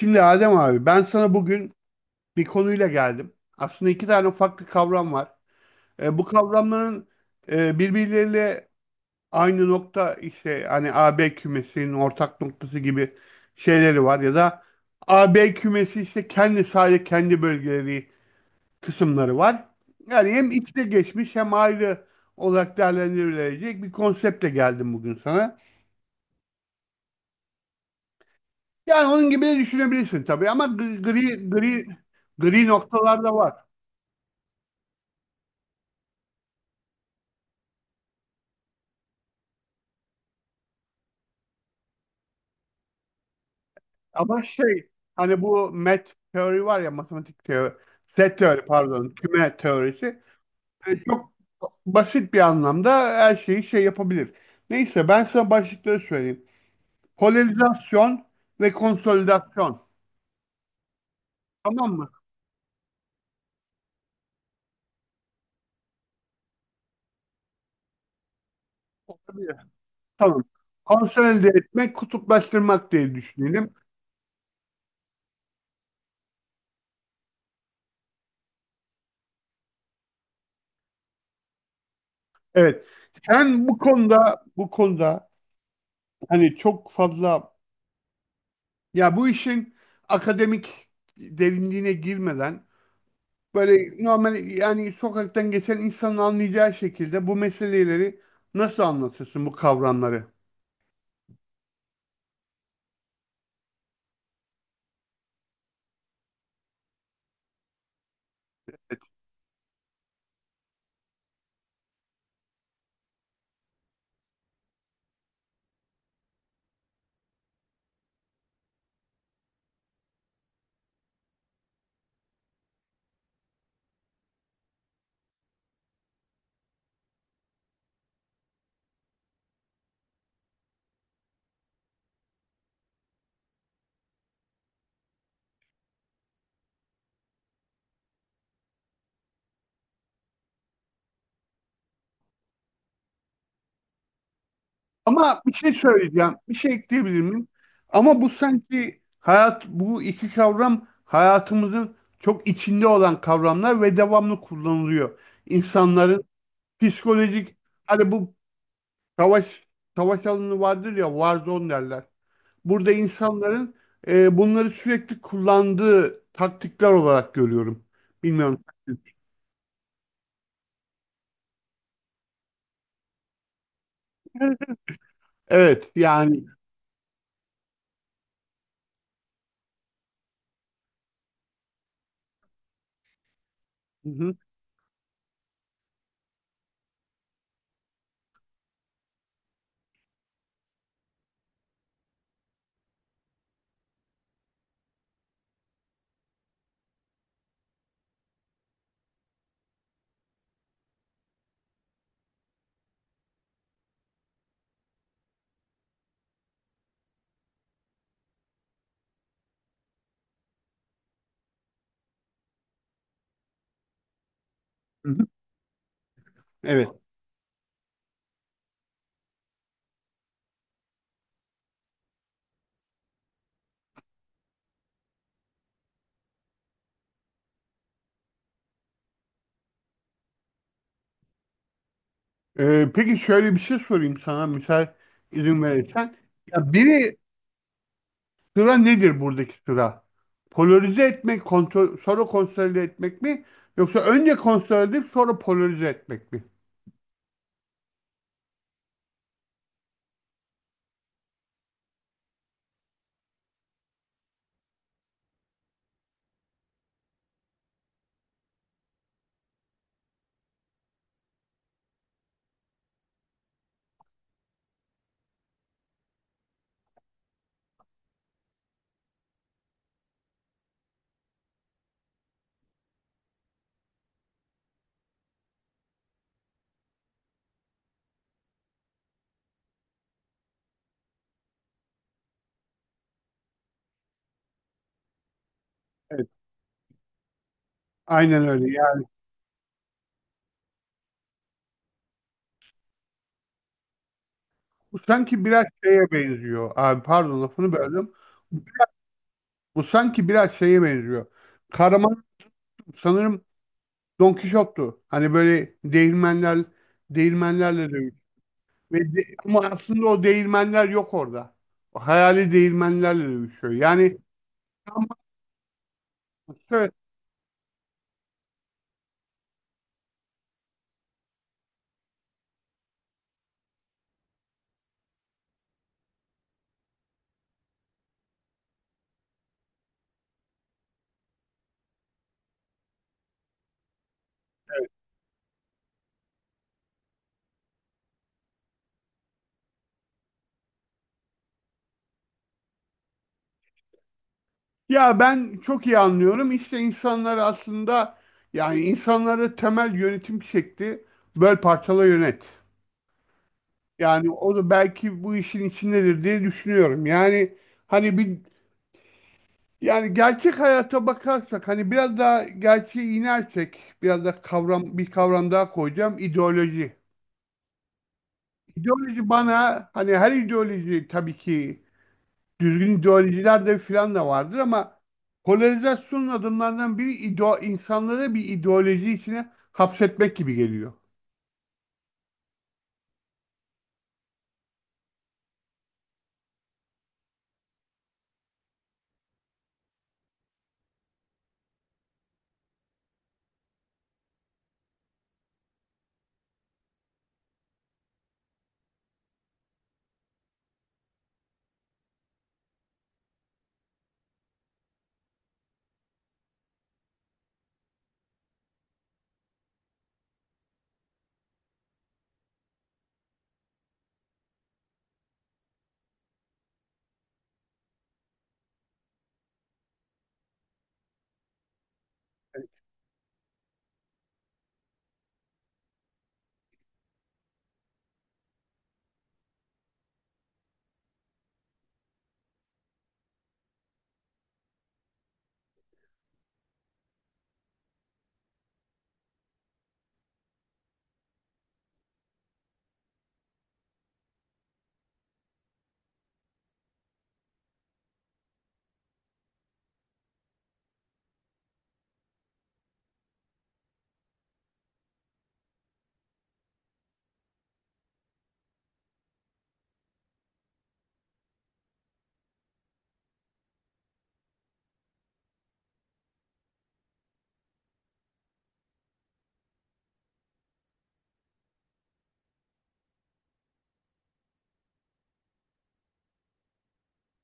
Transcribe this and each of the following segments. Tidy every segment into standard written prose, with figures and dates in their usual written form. Şimdi Adem abi ben sana bugün bir konuyla geldim. Aslında iki tane farklı kavram var. Bu kavramların birbirleriyle aynı nokta işte hani A B kümesinin ortak noktası gibi şeyleri var ya da A B kümesi işte kendi sadece kendi bölgeleri kısımları var. Yani hem içte geçmiş hem ayrı olarak değerlendirilecek bir konseptle geldim bugün sana. Yani onun gibi de düşünebilirsin tabii ama gri noktalar da var. Ama şey, hani bu met teori var ya, matematik teori, set teori, pardon, küme teorisi çok basit bir anlamda her şeyi şey yapabilir. Neyse ben sana başlıkları söyleyeyim. Polarizasyon ve konsolidasyon. Tamam mı? Olabilir. Tamam. Konsolide etmek, kutuplaştırmak diye düşünelim. Evet. Sen bu konuda hani çok fazla, ya bu işin akademik derinliğine girmeden, böyle normal, yani sokaktan geçen insanın anlayacağı şekilde bu meseleleri nasıl anlatırsın bu kavramları? Ama bir şey söyleyeceğim, bir şey ekleyebilir miyim? Ama bu sanki hayat, bu iki kavram hayatımızın çok içinde olan kavramlar ve devamlı kullanılıyor. İnsanların psikolojik, hani bu savaş, savaş alanı vardır ya, warzone derler. Burada insanların bunları sürekli kullandığı taktikler olarak görüyorum. Bilmiyorum. Evet, yani. Hı hı, hı hı, evet. Peki şöyle bir şey sorayım sana, müsait izin verirsen. Ya biri, sıra nedir buradaki sıra? Polarize etmek, kontrol, sonra konsolide etmek mi? Yoksa önce konsolide edip sonra polarize etmek mi? Evet. Aynen öyle. Yani bu sanki biraz şeye benziyor. Abi, pardon, lafını böldüm. Bu sanki biraz şeye benziyor. Kahraman sanırım Don Kişot'tu. Hani böyle değirmenlerle dövüş. Ama aslında o değirmenler yok orada. O hayali değirmenlerle dövüşüyor. Yani tamam, evet. Ya ben çok iyi anlıyorum. İşte insanları aslında, yani insanları temel yönetim şekli böl, parçala, yönet. Yani o da belki bu işin içindedir diye düşünüyorum. Yani hani bir, yani gerçek hayata bakarsak, hani biraz daha gerçeği inersek, biraz da kavram, bir kavram daha koyacağım: ideoloji. İdeoloji bana, hani her ideoloji tabii ki, düzgün ideolojiler de filan da vardır ama polarizasyonun adımlarından biri ideo, insanları bir ideoloji içine hapsetmek gibi geliyor.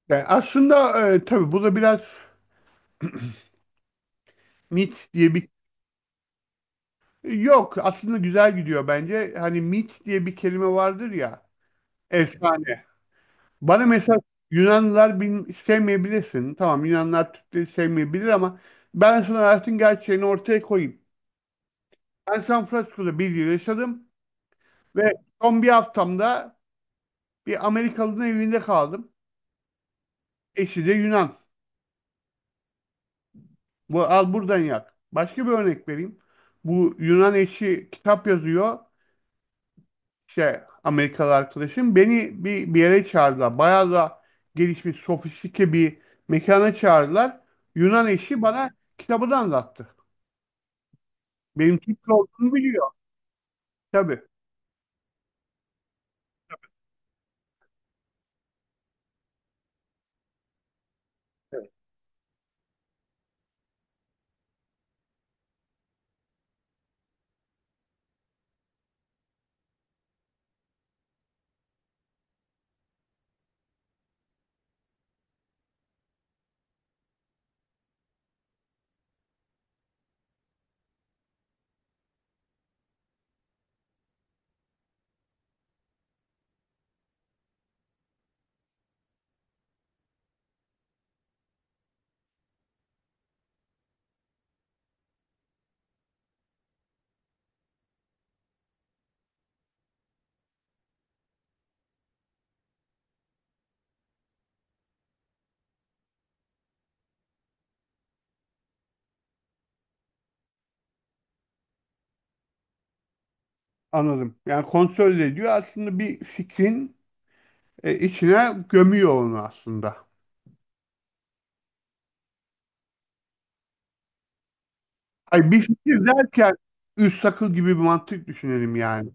Yani aslında tabii bu da biraz mit diye bir, yok aslında güzel gidiyor bence. Hani mit diye bir kelime vardır ya, efsane. Bana mesela Yunanlılar bin, sevmeyebilirsin. Tamam, Yunanlar Türkleri sevmeyebilir ama ben sana hayatın gerçeğini ortaya koyayım. Ben San Francisco'da bir yıl yaşadım ve son bir haftamda bir Amerikalı'nın evinde kaldım. Eşi de Yunan. Bu, al buradan yak. Başka bir örnek vereyim. Bu Yunan eşi kitap yazıyor. İşte Amerikalı arkadaşım. Beni bir yere çağırdılar. Bayağı da gelişmiş, sofistike bir mekana çağırdılar. Yunan eşi bana kitabı da anlattı. Benim Türkçe olduğunu biliyor. Tabii, anladım. Yani kontrol ediyor. Aslında bir fikrin içine gömüyor onu aslında. Ay, bir fikir derken üst akıl gibi bir mantık düşünelim yani.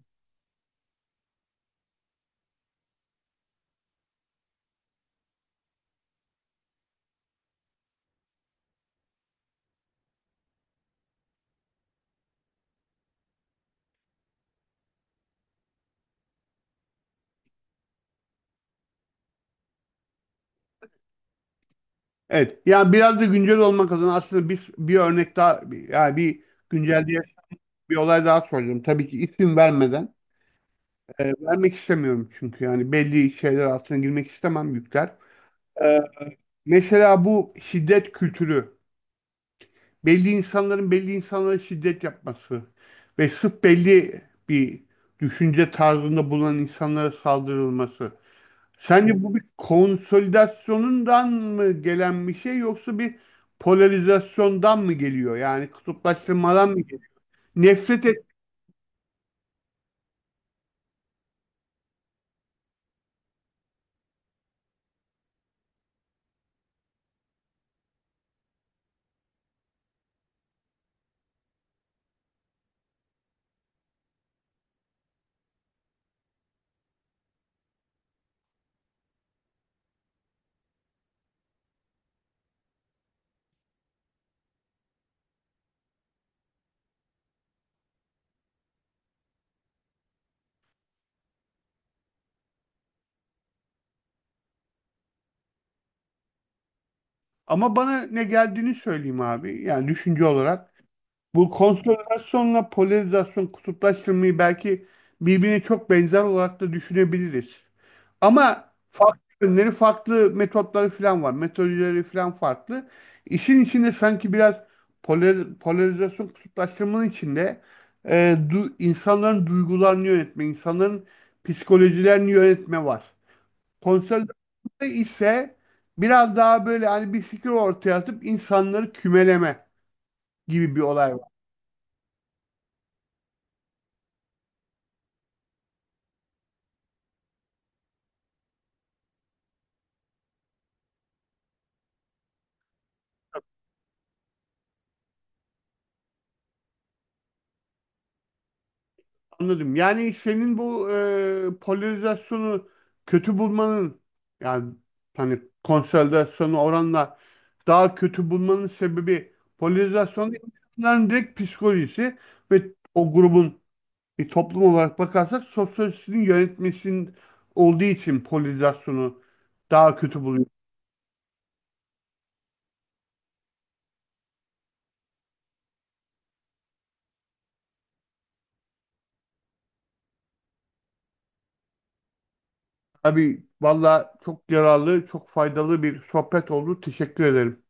Evet. Yani biraz da güncel olmak adına aslında bir, bir örnek daha, yani bir güncel diye bir olay daha soracağım. Tabii ki isim vermeden. Vermek istemiyorum çünkü yani belli şeyler altına girmek istemem, yükler. Ee, Mesela bu şiddet kültürü. Belli insanların belli insanlara şiddet yapması ve sırf belli bir düşünce tarzında bulunan insanlara saldırılması. Sence bu bir konsolidasyonundan mı gelen bir şey, yoksa bir polarizasyondan mı geliyor? Yani kutuplaştırmadan mı geliyor? Nefret et, ama bana ne geldiğini söyleyeyim abi. Yani düşünce olarak. Bu konsolidasyonla polarizasyon, kutuplaştırmayı belki birbirine çok benzer olarak da düşünebiliriz. Ama farklı yönleri, farklı metotları falan var. Metodolojileri falan farklı. İşin içinde sanki biraz polar-, polarizasyon, kutuplaştırmanın içinde e, du-, insanların duygularını yönetme, insanların psikolojilerini yönetme var. Konsolidasyonda ise biraz daha böyle hani bir fikir ortaya atıp insanları kümeleme gibi bir olay var. Anladım. Yani senin bu polarizasyonu kötü bulmanın, yani hani konsolidasyonu oranla daha kötü bulmanın sebebi, polarizasyonun insanların direkt psikolojisi ve o grubun, bir toplum olarak bakarsak sosyolojisinin yönetmesinin olduğu için polarizasyonu daha kötü buluyor. Abi valla çok yararlı, çok faydalı bir sohbet oldu. Teşekkür ederim.